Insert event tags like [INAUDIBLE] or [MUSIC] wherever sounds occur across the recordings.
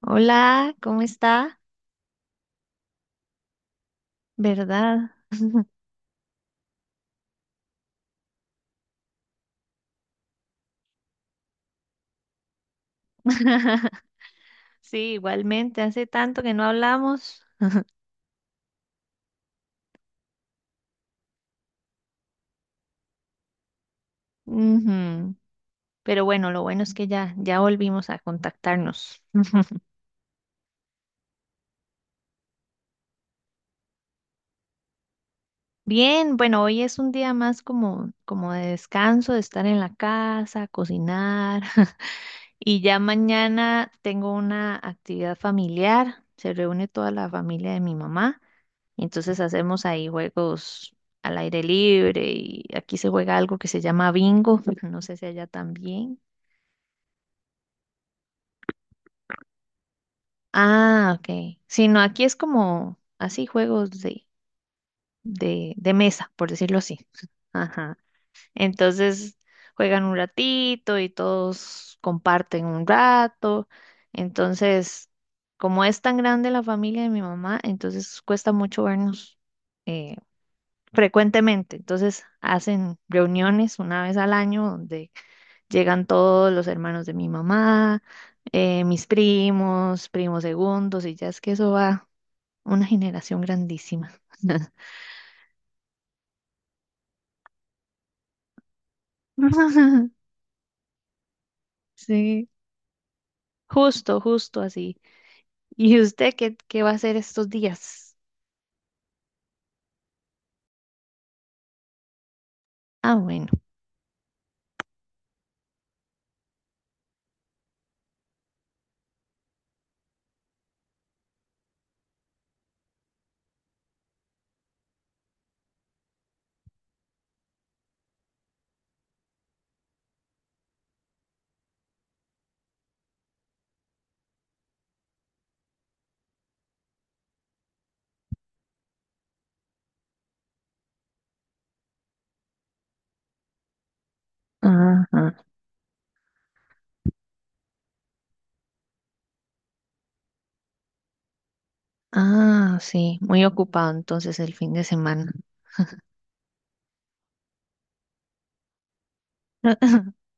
Hola, ¿cómo está? ¿Verdad? [LAUGHS] Sí, igualmente, hace tanto que no hablamos. Ujú. Pero bueno, lo bueno es que ya volvimos a contactarnos. Bien, bueno, hoy es un día más como de descanso, de estar en la casa, cocinar. [LAUGHS] Y ya mañana tengo una actividad familiar. Se reúne toda la familia de mi mamá. Entonces hacemos ahí juegos al aire libre y aquí se juega algo que se llama bingo, [LAUGHS] no sé si allá también. Ah, ok. Sí, no, aquí es como así juegos de mesa, por decirlo así. [LAUGHS] Ajá. Entonces juegan un ratito y todos comparten un rato. Entonces, como es tan grande la familia de mi mamá, entonces cuesta mucho vernos. eh, frecuentemente. Entonces hacen reuniones una vez al año donde llegan todos los hermanos de mi mamá, mis primos, primos segundos, y ya es que eso va una generación grandísima. [LAUGHS] Sí, justo, justo así. ¿Y usted qué va a hacer estos días? Ah, bueno. Ajá. Ah, sí, muy ocupado entonces el fin de semana. [LAUGHS]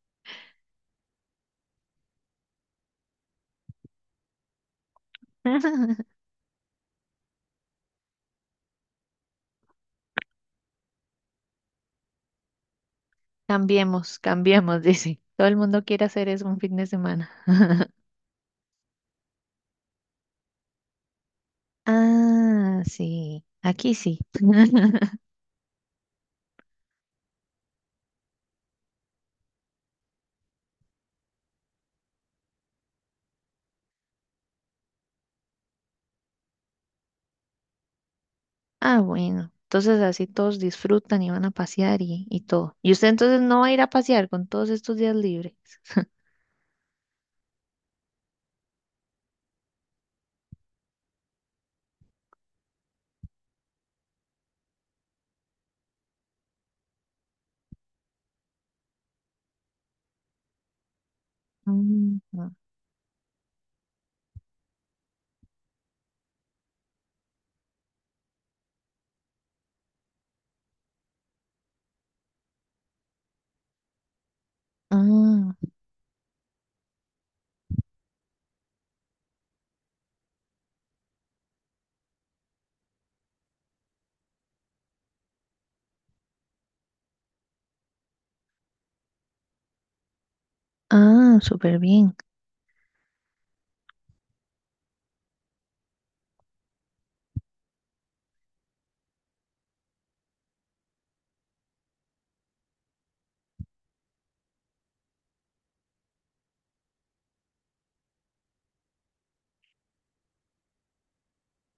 Cambiemos, cambiemos, [LAUGHS] dice. Todo el mundo quiere hacer eso un fin de semana. [LAUGHS] Ah, sí, aquí sí. [LAUGHS] Ah, bueno. Entonces así todos disfrutan y van a pasear y todo. ¿Y usted entonces no va a ir a pasear con todos estos días libres? Mm, no. Ah, ah, súper bien.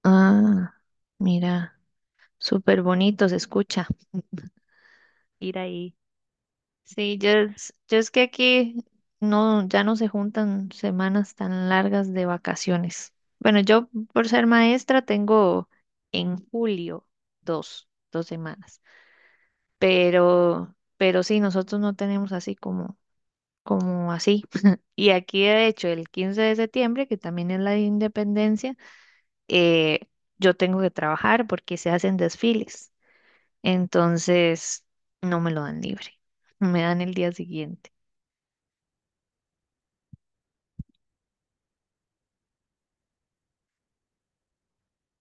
Ah, mira, súper bonito se escucha ir ahí. Sí, yo, es- yo, es que aquí no, ya no se juntan semanas tan largas de vacaciones. Bueno, yo por ser maestra tengo en julio dos semanas, pero sí, nosotros no tenemos así como así. [LAUGHS] Y aquí, de hecho, el 15 de septiembre, que también es la de independencia, eh, yo tengo que trabajar porque se hacen desfiles. Entonces, no me lo dan libre, me dan el día siguiente.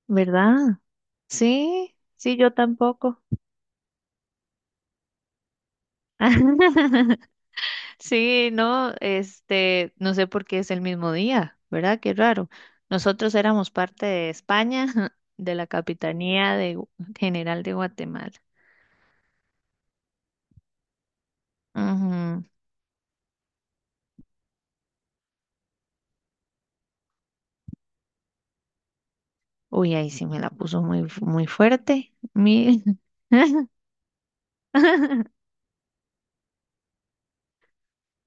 ¿Verdad? Sí, sí, yo tampoco. [LAUGHS] Sí, no, este, no sé por qué es el mismo día, ¿verdad? Qué raro. Nosotros éramos parte de España, [LAUGHS] de la Capitanía de General de Guatemala. Ujú. Uy, ahí sí me la puso muy fuerte. [LAUGHS]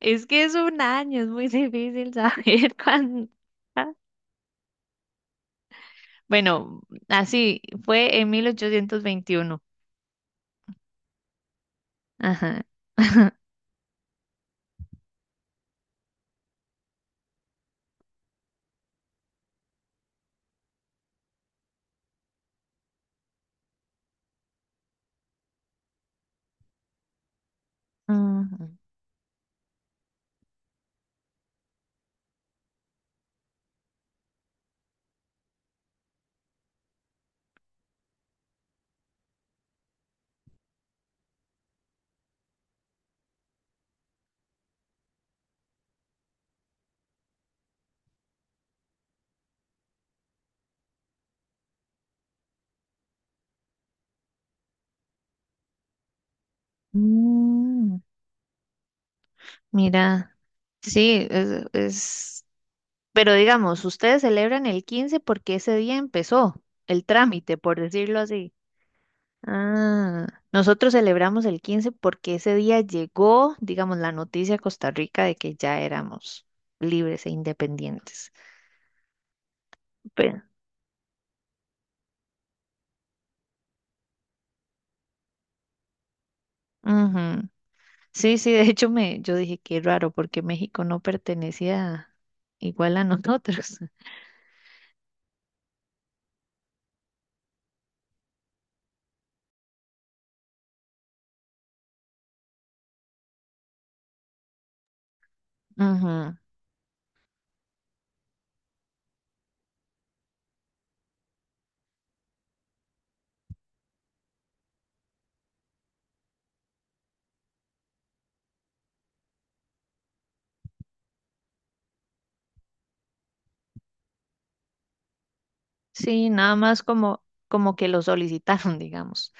Es que es un año, es muy difícil saber [LAUGHS] cuándo. Bueno, así fue en 1821. Ajá. Mm, mira, sí, pero digamos, ustedes celebran el 15 porque ese día empezó el trámite, por decirlo así. Ah, nosotros celebramos el 15 porque ese día llegó, digamos, la noticia a Costa Rica de que ya éramos libres e independientes. Pero, ujú. Sí, sí, de hecho yo dije qué raro porque México no pertenecía igual a nosotros. [LAUGHS] Ujú. Sí, nada más como que lo solicitaron, [LAUGHS] digamos.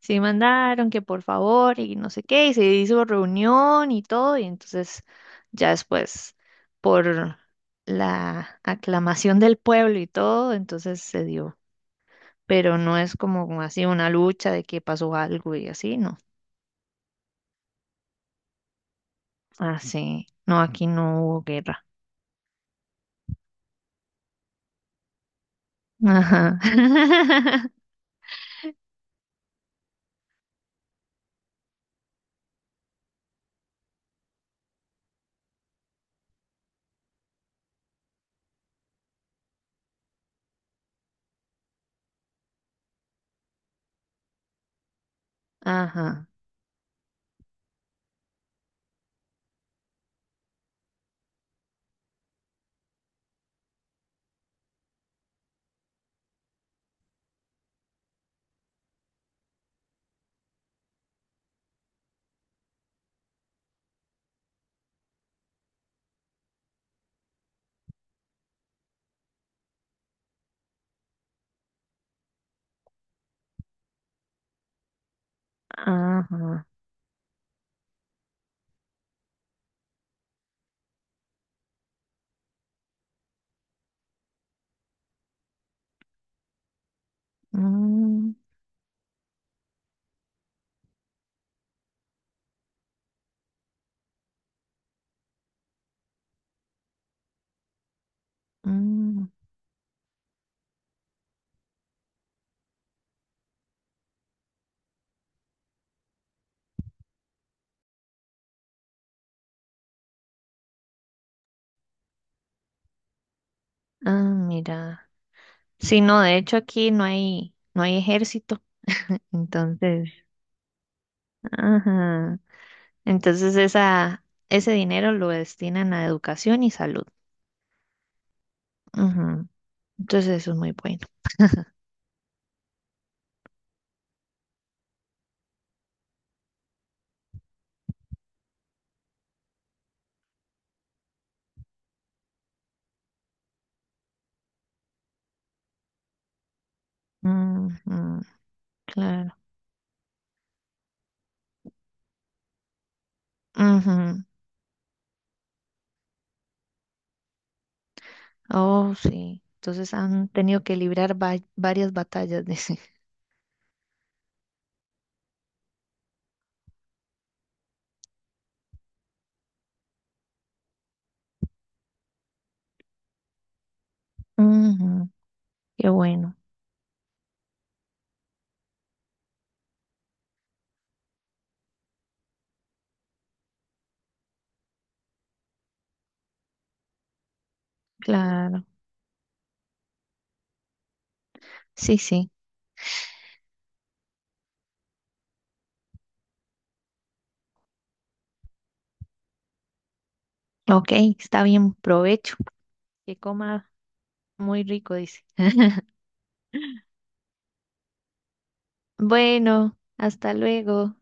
Sí, mandaron que por favor y no sé qué, y se hizo reunión y todo, y entonces ya después, por la aclamación del pueblo y todo, entonces se dio. Pero no es como así una lucha de que pasó algo y así, no. Así, no, aquí no hubo guerra. Ajá. [LAUGHS] Ajá. Ajá. Mm, mm. Ah, mira. Sí, no, de hecho aquí no hay, ejército, entonces, ajá. Entonces ese dinero lo destinan a educación y salud. Ujú. Entonces eso es muy bueno. Ujú. Claro. Ujú. Oh, sí. Entonces han tenido que librar varias batallas, [LAUGHS] dice. Ujú. Qué bueno. Claro. Sí, sí. Ok, está bien, provecho. Que coma muy rico, dice. Bueno, hasta luego.